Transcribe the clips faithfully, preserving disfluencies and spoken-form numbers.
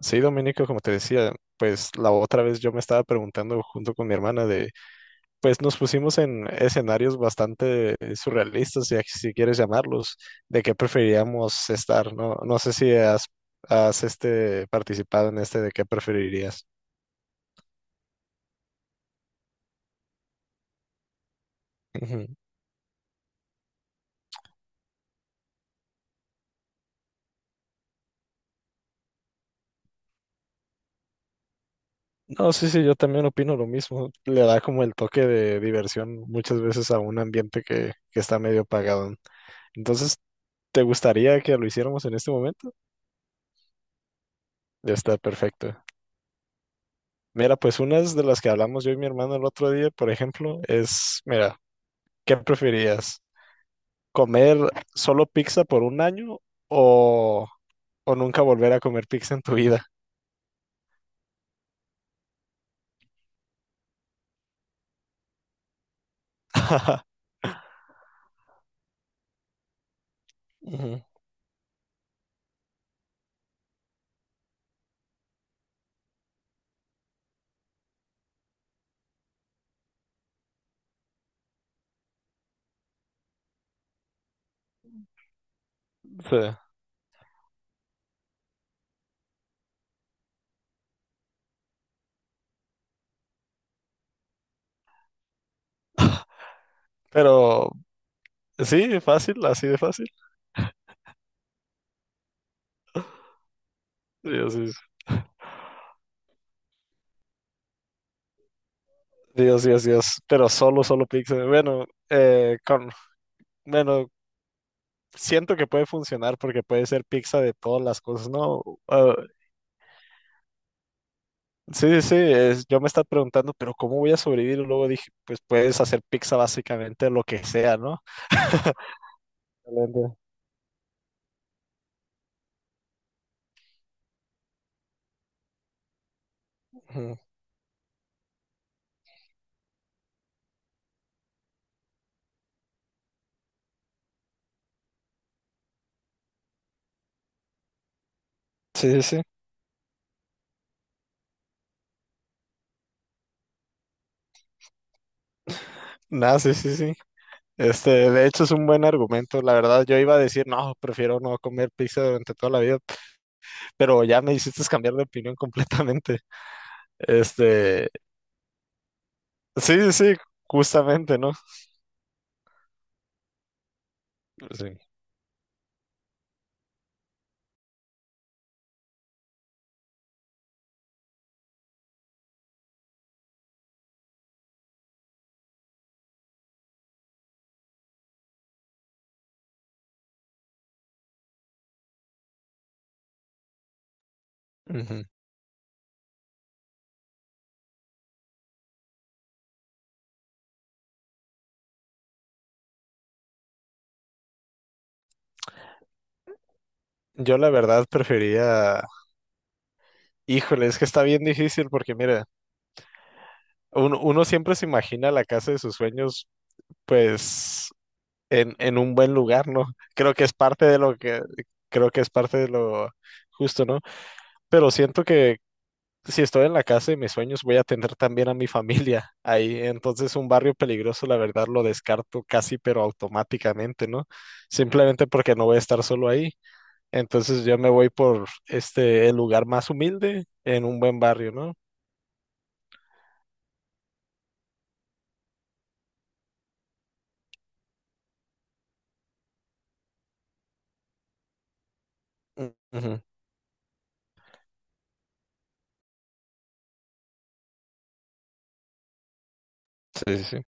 Sí, Dominico, como te decía, pues la otra vez yo me estaba preguntando junto con mi hermana de, pues nos pusimos en escenarios bastante surrealistas, si, si quieres llamarlos, de qué preferiríamos estar, ¿no? No sé si has, has este, participado en este de qué preferirías. Ujú. No, sí, sí, yo también opino lo mismo. Le da como el toque de diversión muchas veces a un ambiente que, que está medio apagado. Entonces, ¿te gustaría que lo hiciéramos en este momento? Ya está perfecto. Mira, pues unas de las que hablamos yo y mi hermano el otro día, por ejemplo, es, mira, ¿qué preferías? ¿Comer solo pizza por un año o, o nunca volver a comer pizza en tu vida? Ujú. Sí. Pero sí, fácil, así de fácil. Dios, Dios, Dios, Dios, Dios. Pero solo, solo pizza. Bueno, eh, con, bueno, siento que puede funcionar porque puede ser pizza de todas las cosas, ¿no? Ah, Sí, sí, sí, es- yo me estaba preguntando, pero ¿cómo voy a sobrevivir? Y luego dije, pues puedes hacer pizza básicamente lo que sea, ¿no? Excelente. Ujú. Sí, sí, sí. Nada, sí, sí, sí. Este, de hecho es un buen argumento. La verdad, yo iba a decir, no, prefiero no comer pizza durante toda la vida, pero ya me hiciste cambiar de opinión completamente. Este, sí, sí, sí, justamente, ¿no? Sí. Ujú. Yo la verdad prefería, híjole, es que está bien difícil porque mira, uno, uno siempre se imagina la casa de sus sueños pues en, en un buen lugar, ¿no? Creo que es parte de lo que, creo que es parte de lo justo, ¿no? Pero siento que si estoy en la casa de mis sueños, voy a tener también a mi familia ahí. Entonces, un barrio peligroso, la verdad, lo descarto casi, pero automáticamente, ¿no? Simplemente porque no voy a estar solo ahí. Entonces, yo me voy por este, el lugar más humilde en un buen barrio, ¿no? Ujú. Sí, sí, sí.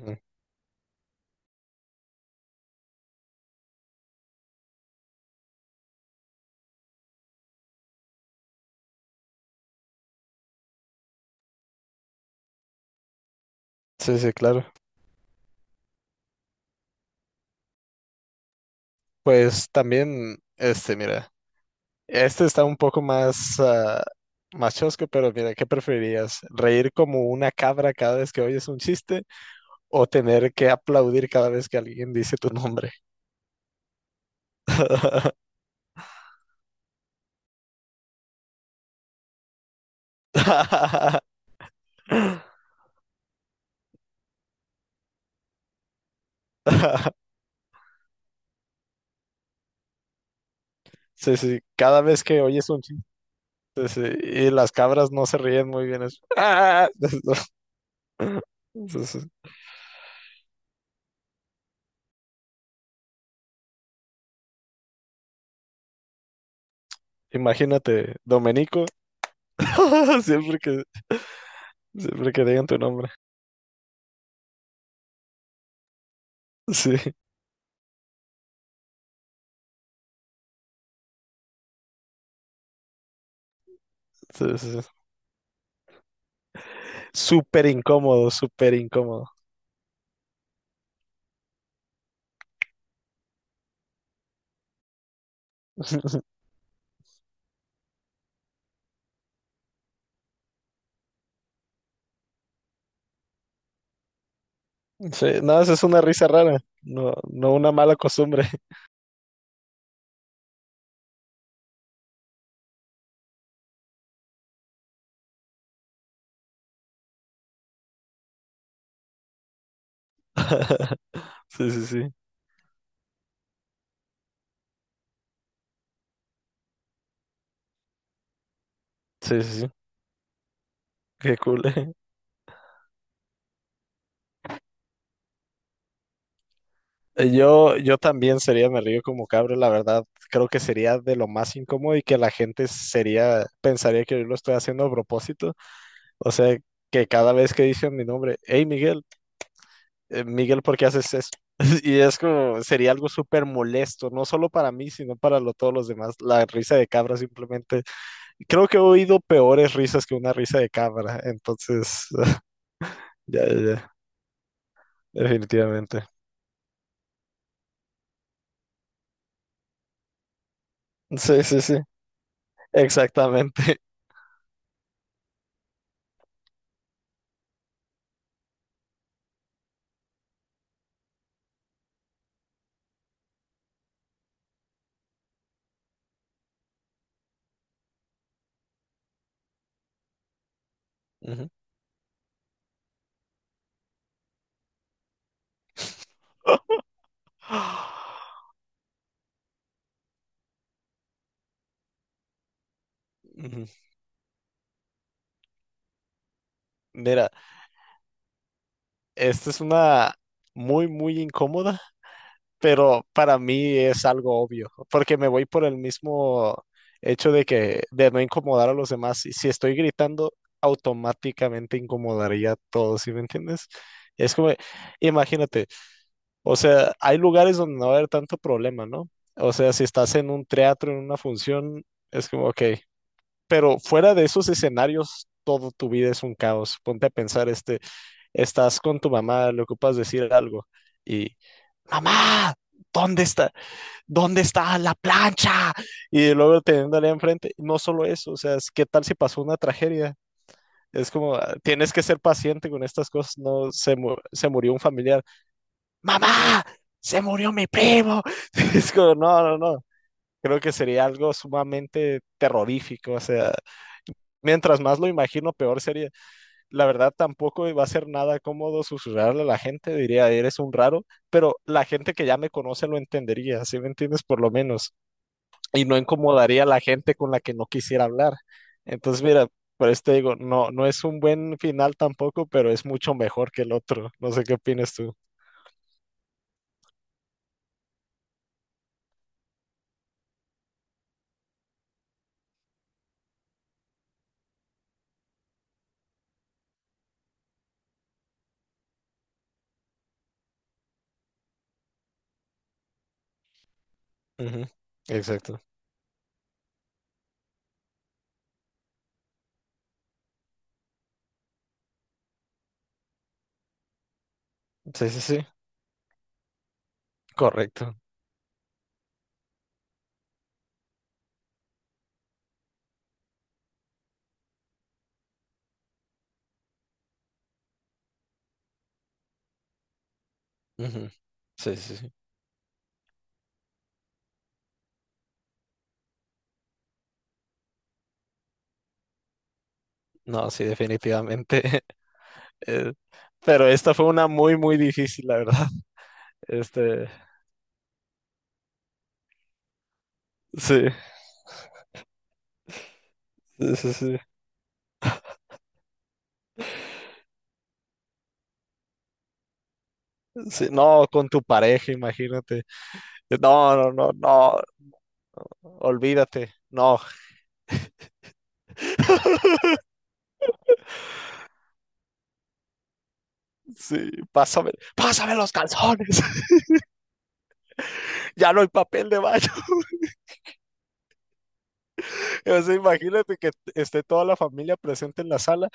Ujú. Sí, sí, claro. Pues también, este, mira. Este está un poco más, ah, más chosco, pero mira, ¿qué preferirías? ¿Reír como una cabra cada vez que oyes un chiste o tener que aplaudir cada vez que alguien dice tu nombre? Sí, sí, cada vez que oyes un chiste, sí, y las cabras no se ríen muy bien. es- ¡Ah! Entonces, imagínate, Domenico, siempre que, siempre que digan tu nombre. Sí, sí, sí, sí. Súper incómodo, súper incómodo. Sí, no, eso es una risa rara, no, no una mala costumbre. Sí, sí, sí, sí, sí, sí, qué cool. Eh, Yo, yo también sería, me río como cabro, la verdad, creo que sería de lo más incómodo y que la gente sería, pensaría que yo lo estoy haciendo a propósito. O sea, que cada vez que dicen mi nombre, hey Miguel, eh, Miguel, ¿por qué haces eso? Y es como, sería algo súper molesto, no solo para mí, sino para lo- todos los demás. La risa de cabra simplemente creo que he oído peores risas que una risa de cámara, entonces, ya, ya, ya, definitivamente. Sí, sí, sí, exactamente. Ujú. Ujú. Mira, esta es una muy, muy incómoda, pero para mí es algo obvio, porque me voy por el mismo hecho de que, de no incomodar a los demás. Y si estoy gritando, automáticamente incomodaría a todos, ¿sí me entiendes? Es como, imagínate. O sea, hay lugares donde no va a haber tanto problema, ¿no? O sea, si estás en un teatro, en una función, es como, ok. Pero fuera de esos escenarios, todo tu vida es un caos. Ponte a pensar, este, estás con tu mamá, le ocupas decir algo y, mamá, ¿dónde está? ¿Dónde está la plancha? Y luego teniéndole enfrente, no solo eso, o sea, es, ¿qué tal si pasó una tragedia? Es como, ah, tienes que ser paciente con estas cosas, no se, mu- se murió un familiar, mamá, se murió mi primo. Es como, no, no, no. Creo que sería algo sumamente terrorífico. O sea, mientras más lo imagino, peor sería. La verdad, tampoco va a ser nada cómodo susurrarle a la gente, diría, eres un raro, pero la gente que ya me conoce lo entendería, ¿sí me entiendes? Por lo menos. Y no incomodaría a la gente con la que no quisiera hablar. Entonces, mira, por esto digo, no, no es un buen final tampoco, pero es mucho mejor que el otro. No sé qué opinas tú. Ujú. Exacto. Sí, sí, sí. Correcto. Ujú. Sí, sí, sí. No, sí, definitivamente. eh, pero esta fue una muy, muy difícil, la verdad. Este, sí, sí, sí, sí. Sí, no, con tu pareja, imagínate. No, no, no, no, olvídate. No, sí, pásame, pásame los calzones. Ya no hay papel de baño. O sea, imagínate que esté toda la familia presente en la sala,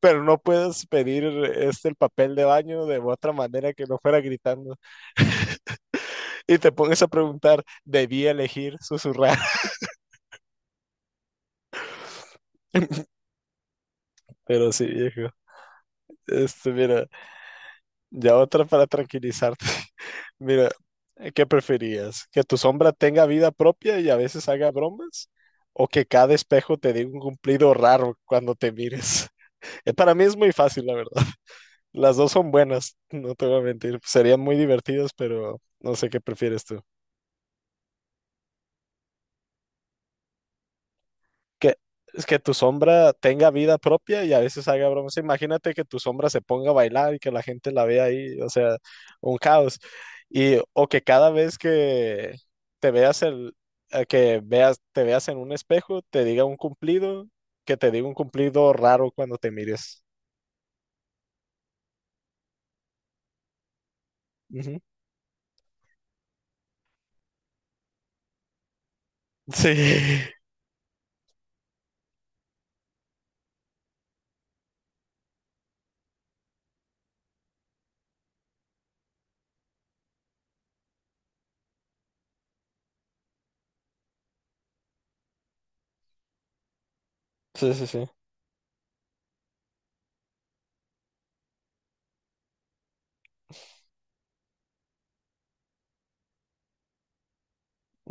pero no puedes pedir este el papel de baño de otra manera que no fuera gritando. Y te pones a preguntar, debí elegir susurrar. Pero sí, viejo. Este, mira. Ya otra para tranquilizarte. Mira, eh, ¿qué preferías? ¿Que tu sombra tenga vida propia y a veces haga bromas? ¿O que cada espejo te dé un cumplido raro cuando te mires? Eh, Para mí es muy fácil, la verdad. Las dos son buenas, no te voy a mentir. Serían muy divertidas, pero no sé qué prefieres tú. Que es que tu sombra tenga vida propia y a veces haga bromas. Imagínate que tu sombra se ponga a bailar y que la gente la vea ahí, o sea, un caos. Y o que cada vez que te veas el eh, que veas te veas en un espejo, te diga un cumplido, que te diga un cumplido raro cuando te mires. Ujú. Sí. Sí, sí, sí,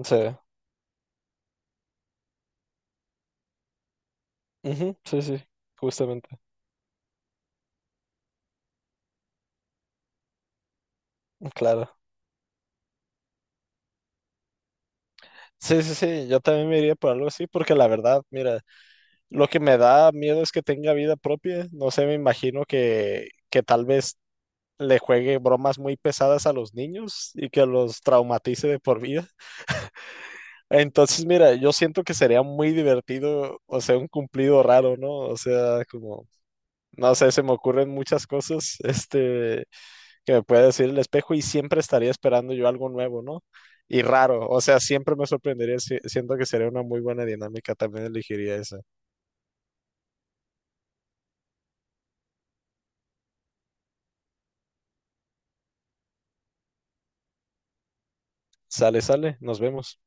sí, ujú, sí, sí, justamente. Claro. Sí, sí, sí, yo también me iría por algo así porque la verdad, mira, lo que me da miedo es que tenga vida propia. No sé, me imagino que, que tal vez le juegue bromas muy pesadas a los niños y que los traumatice de por vida. Entonces, mira, yo siento que sería muy divertido, o sea, un cumplido raro, ¿no? O sea, como, no sé, se me ocurren muchas cosas, este, que me puede decir el espejo y siempre estaría esperando yo algo nuevo, ¿no? Y raro, o sea, siempre me sorprendería, si- siento que sería una muy buena dinámica, también elegiría esa. Sale, sale, nos vemos.